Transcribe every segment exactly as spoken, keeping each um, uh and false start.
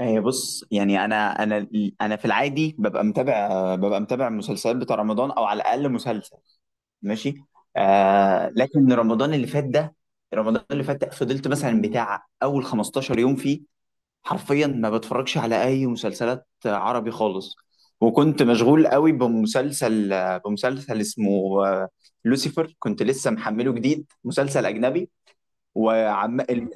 هي بص يعني انا انا انا في العادي ببقى متابع ببقى متابع المسلسلات بتاع رمضان او على الاقل مسلسل. ماشي. آه، لكن رمضان اللي فات ده رمضان اللي فات ده فضلت مثلا بتاع اول خمستاشر يوم فيه، حرفيا ما بتفرجش على اي مسلسلات عربي خالص. وكنت مشغول قوي بمسلسل بمسلسل اسمه آه، لوسيفر، كنت لسه محمله جديد، مسلسل اجنبي. وعم الم-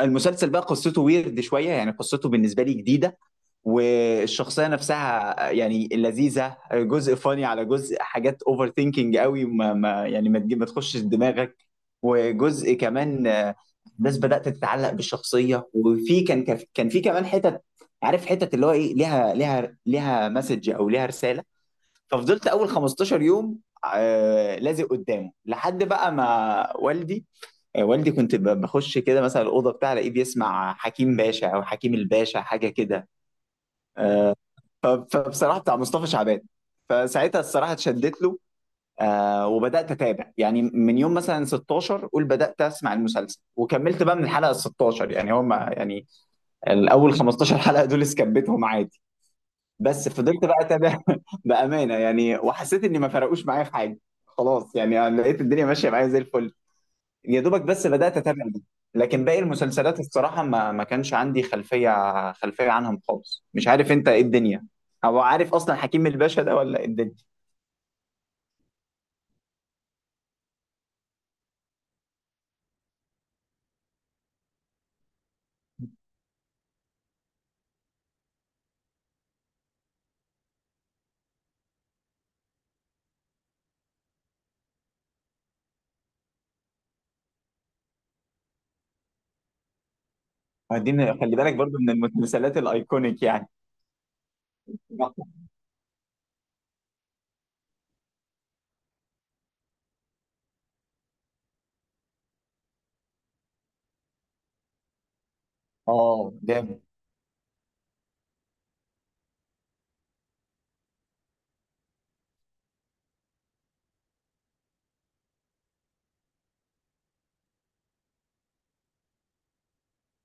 المسلسل بقى قصته ويرد شويه، يعني قصته بالنسبه لي جديده، والشخصيه نفسها يعني لذيذه، جزء فاني على جزء، حاجات اوفر ثينكينج قوي، ما ما يعني ما تجي- ما تخشش دماغك. وجزء كمان، آه، الناس بدات تتعلق بالشخصيه، وفي كان كان كان في كمان حتت، عارف حتت اللي هو ايه، ليها ليها ليها مسج او ليها رساله. ففضلت اول خمستاشر يوم آه، لازق قدامه لحد بقى ما والدي، آه، والدي كنت ب- بخش كده مثلا الاوضه بتاعه، الاقيه بيسمع حكيم باشا او حكيم الباشا، حاجه كده، فبصراحه بتاع مصطفى شعبان. فساعتها الصراحه اتشدت له، آه، وبدات اتابع يعني من يوم مثلا ستاشر، قول بدات اسمع المسلسل، وكملت بقى من الحلقه ال ستاشر يعني، هم يعني الاول خمستاشر حلقه دول سكبتهم عادي، بس فضلت بقى اتابع بامانه يعني، وحسيت اني ما فرقوش معايا في حاجه. خلاص يعني، أنا لقيت الدنيا ماشيه معايا زي الفل، يا دوبك بس بدأت أتابع دي. لكن باقي المسلسلات الصراحة ما ما كانش عندي خلفية خلفية عنهم خالص، مش عارف أنت إيه الدنيا، أو عارف أصلا حكيم الباشا ده ولا إيه الدنيا. ما دي من- خلي بالك برضو من المسلسلات الأيكونيك يعني. اه جامد.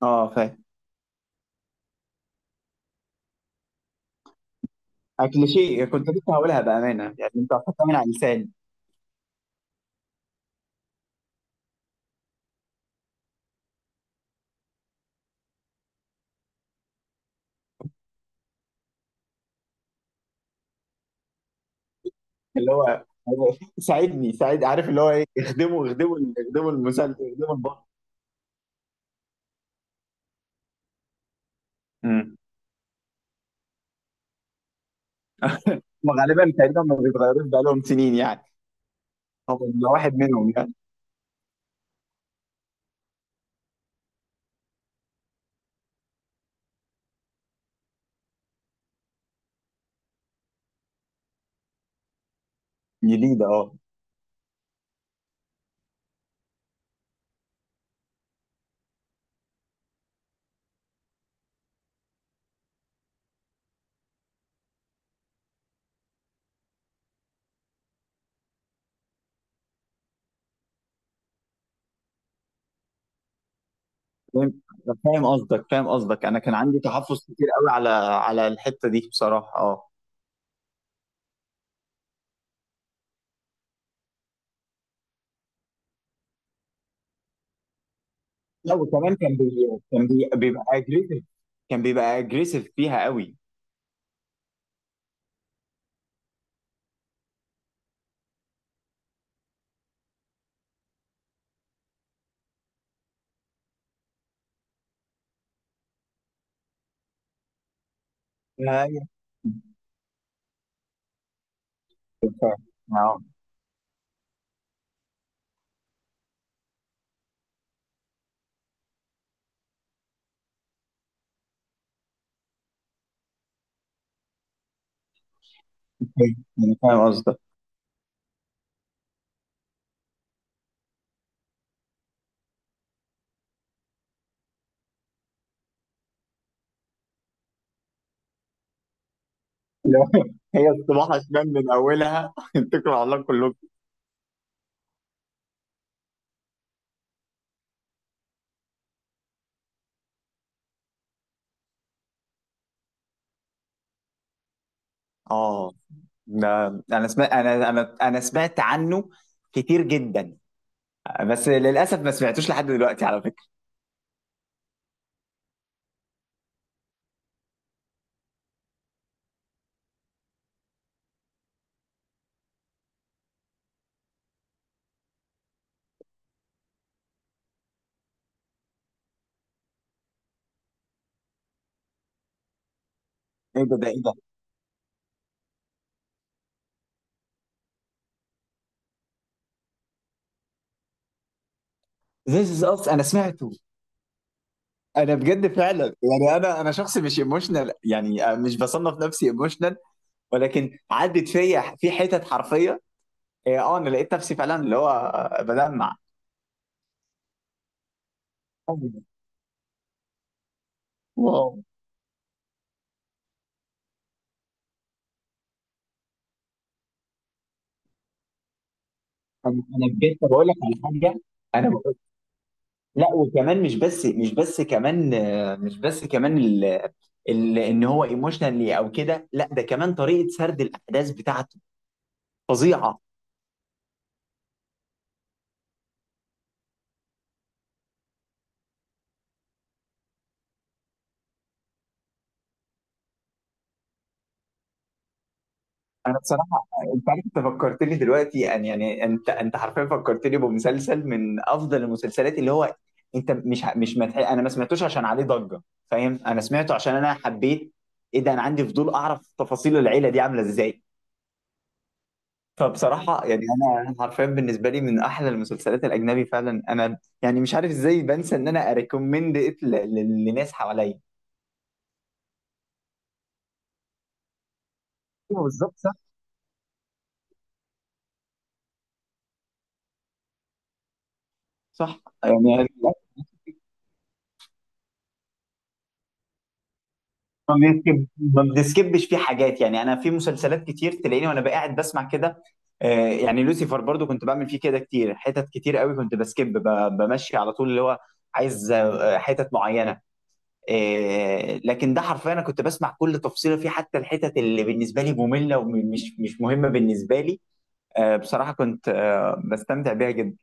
اه فاهم. أكل شيء كنت لسه هقولها بأمانة يعني، أنت حطها من على لساني اللي هو ساعدني ساعد، عارف اللي هو إيه، اخدموا اخدموا اخدموا المسلسل، اخدموا البطل. مم. وغالبا تقريبا ما بيتغيروش بقالهم سنين يعني، هو ده واحد منهم يعني. جديده اه. فاهم، فاهم قصدك فاهم قصدك، انا كان عندي تحفظ كتير قوي على على الحته دي بصراحه، اه. لا وكمان كان بي... كان بي... بيبقى اجريسيف كان بيبقى اجريسيف فيها قوي. أيوة. فاهم. آه. أوكي، انا فاهم قصدك. لو هي الصباح شمال من اولها، اتكلوا على الله كلكم. اه ده، انا سمعت انا انا انا سمعت عنه كتير جدا، بس للاسف ما سمعتوش لحد دلوقتي على فكره. ايه ده، ده ايه ده؟ This is us، انا سمعته. انا بجد فعلا يعني، انا انا شخص مش ايموشنال يعني، مش بصنف نفسي ايموشنال، ولكن عدت فيا في حتت حرفيه. إيه، اه انا لقيت نفسي فعلا اللي هو، آه، بدمع. واو. انا أنا بجد بقول لك على حاجه، انا بقول، لا وكمان مش بس مش بس كمان آه، مش بس كمان ال... ال... ان هو ايموشنال او كده، لا ده كمان طريقه سرد الاحداث بتاعته فظيعه. انا بصراحه، انت عارف انت فكرتني دلوقتي يعني يعني انت انت حرفيا فكرتني بمسلسل من افضل المسلسلات اللي هو، انت مش ه- مش متح... انا ما سمعتوش عشان عليه ضجه، فاهم؟ انا سمعته عشان انا حبيت. ايه ده، انا عندي فضول اعرف تفاصيل العيله دي عامله ازاي. فبصراحه يعني، انا أنا حرفيا بالنسبه لي من احلى المسلسلات الاجنبي فعلا، انا يعني مش عارف ازاي بنسى ان انا اريكومند ات ل- ل- لناس حواليا. أيوة بالظبط صح. صح يعني ما بنسكب ما بنسكبش فيه حاجات يعني. انا في مسلسلات كتير تلاقيني وانا قاعد بسمع كده، آه، يعني لوسيفر برضو كنت بعمل فيه كده كتير، حتت كتير قوي كنت بسكب، ب- بمشي على طول، اللي هو عايز آه، حتت معينه. آه، لكن ده حرفيا انا كنت بسمع كل تفصيله فيه، حتى الحتت اللي بالنسبه لي ممله ومش مش مهمه بالنسبه لي، آه، بصراحه كنت آه، بستمتع بيها جدا.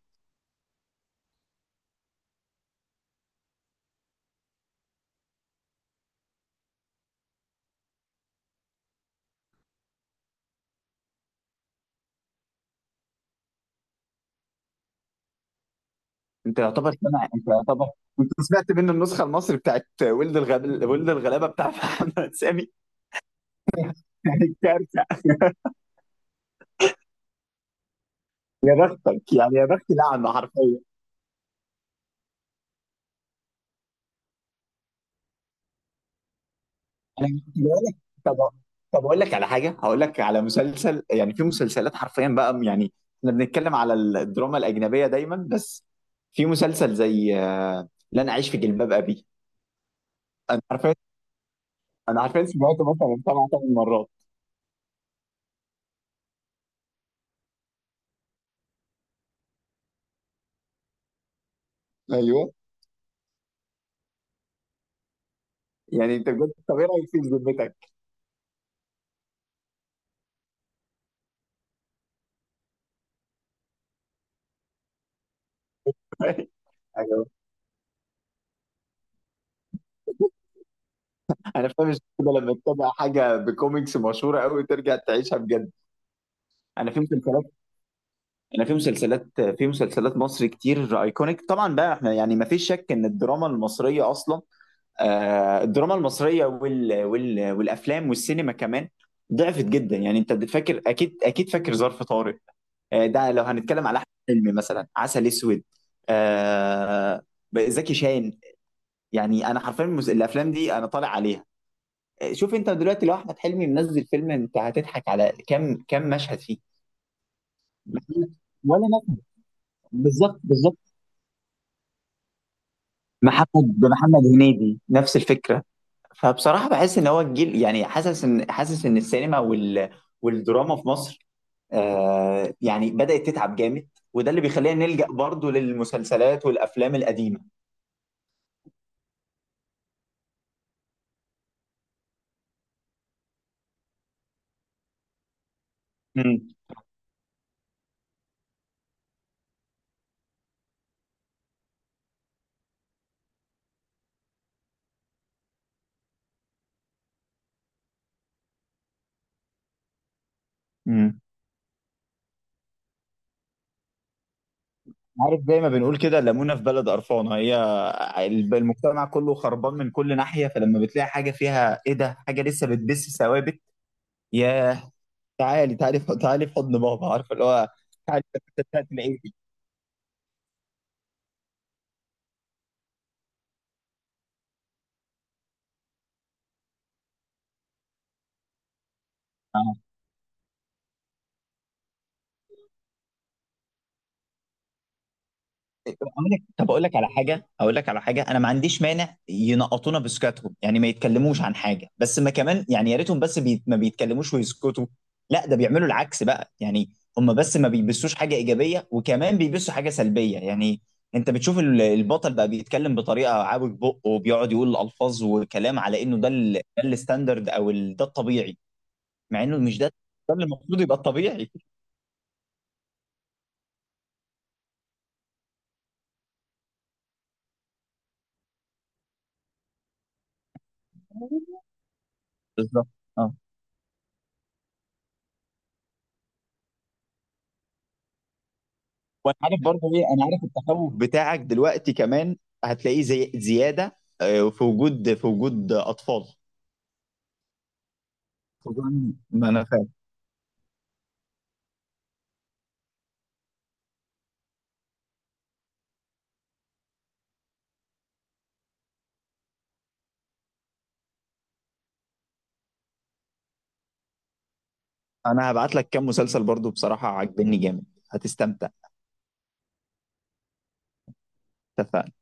انت يعتبر سمع انت يعتبر انت سمعت منه النسخه المصري بتاعت ولد الغلابه، ولد الغلابه بتاع محمد سامي. كانت كارثه. يا بختك يعني يا بختي لعنه حرفيا. انا كنت بقول لك. طب، طب اقول لك على حاجه هقول لك على مسلسل، يعني في مسلسلات حرفيا بقى يعني، احنا بنتكلم على الدراما الاجنبيه دايما. بس في مسلسل زي آه، لن اعيش في جلباب ابي. انا حرفيا انا حرفيا سمعته مثلا سبع ثمان مرات. ايوه يعني انت بجد، طب ايه رايك فيه بذمتك؟ ايوه. انا فاهم، مش كده لما تتابع حاجه بكوميكس مشهوره قوي ترجع تعيشها بجد. انا في مسلسلات انا في مسلسلات في مسلسلات مصر كتير ايكونيك طبعا بقى، احنا يعني ما فيش شك ان الدراما المصريه اصلا، آه، الدراما المصريه وال وال والافلام والسينما كمان ضعفت جدا يعني. انت بتفكر، اكيد اكيد فاكر ظرف طارق. آه، ده لو هنتكلم على احمد حلمي مثلا عسل اسود، آه، زكي شان، يعني انا حرفيا المس- الافلام دي انا طالع عليها. آه، شوف انت دلوقتي لو احمد حلمي منزل فيلم، انت هتضحك على كم كم مشهد فيه، ولا مشهد. بالظبط بالظبط. محمد بمحمد هنيدي نفس الفكره. فبصراحه بحس ان هو الجيل يعني، حاسس ان حاسس ان السينما وال والدراما في مصر آه يعني بدات تتعب جامد، وده اللي بيخلينا نلجأ برضه للمسلسلات والافلام القديمه. امم امم. عارف زي ما بنقول كده، ليمونه في بلد قرفانه هي. الب- المجتمع كله خربان من كل ناحيه، فلما بتلاقي حاجه فيها ايه ده، حاجه لسه بتبث ثوابت، ياه. تعالي، تعالي في- تعالي في حضن بابا، عارف اللي هو، تعالي في الحتة بتاعت العيد. طب اقول لك، طب اقول لك على حاجه اقول لك على حاجه، انا ما عنديش مانع ينقطونا بسكاتهم يعني، ما يتكلموش عن حاجه، بس ما كمان يعني، يا ريتهم بس بي... ما بيتكلموش ويسكتوا. لا ده بيعملوا العكس بقى يعني، هم بس ما بيبثوش حاجه ايجابيه، وكمان بيبثوا حاجه سلبيه يعني، انت بتشوف ال- البطل بقى بيتكلم بطريقه عاوج بقه، وبيقعد يقول الفاظ وكلام على انه ده ال... ده الستاندرد، او ال... ده الطبيعي، مع انه مش ده ده اللي المفروض يبقى الطبيعي. بالظبط. وانا عارف برضه ايه، انا عارف التخوف بتاعك دلوقتي كمان، هتلاقيه زي زياده آه، في وجود، في وجود اطفال. طبعاً. ما انا فاهم. انا هبعت لك كام مسلسل برضه، بصراحه عاجبني جامد، هتستمتع. اتفقنا؟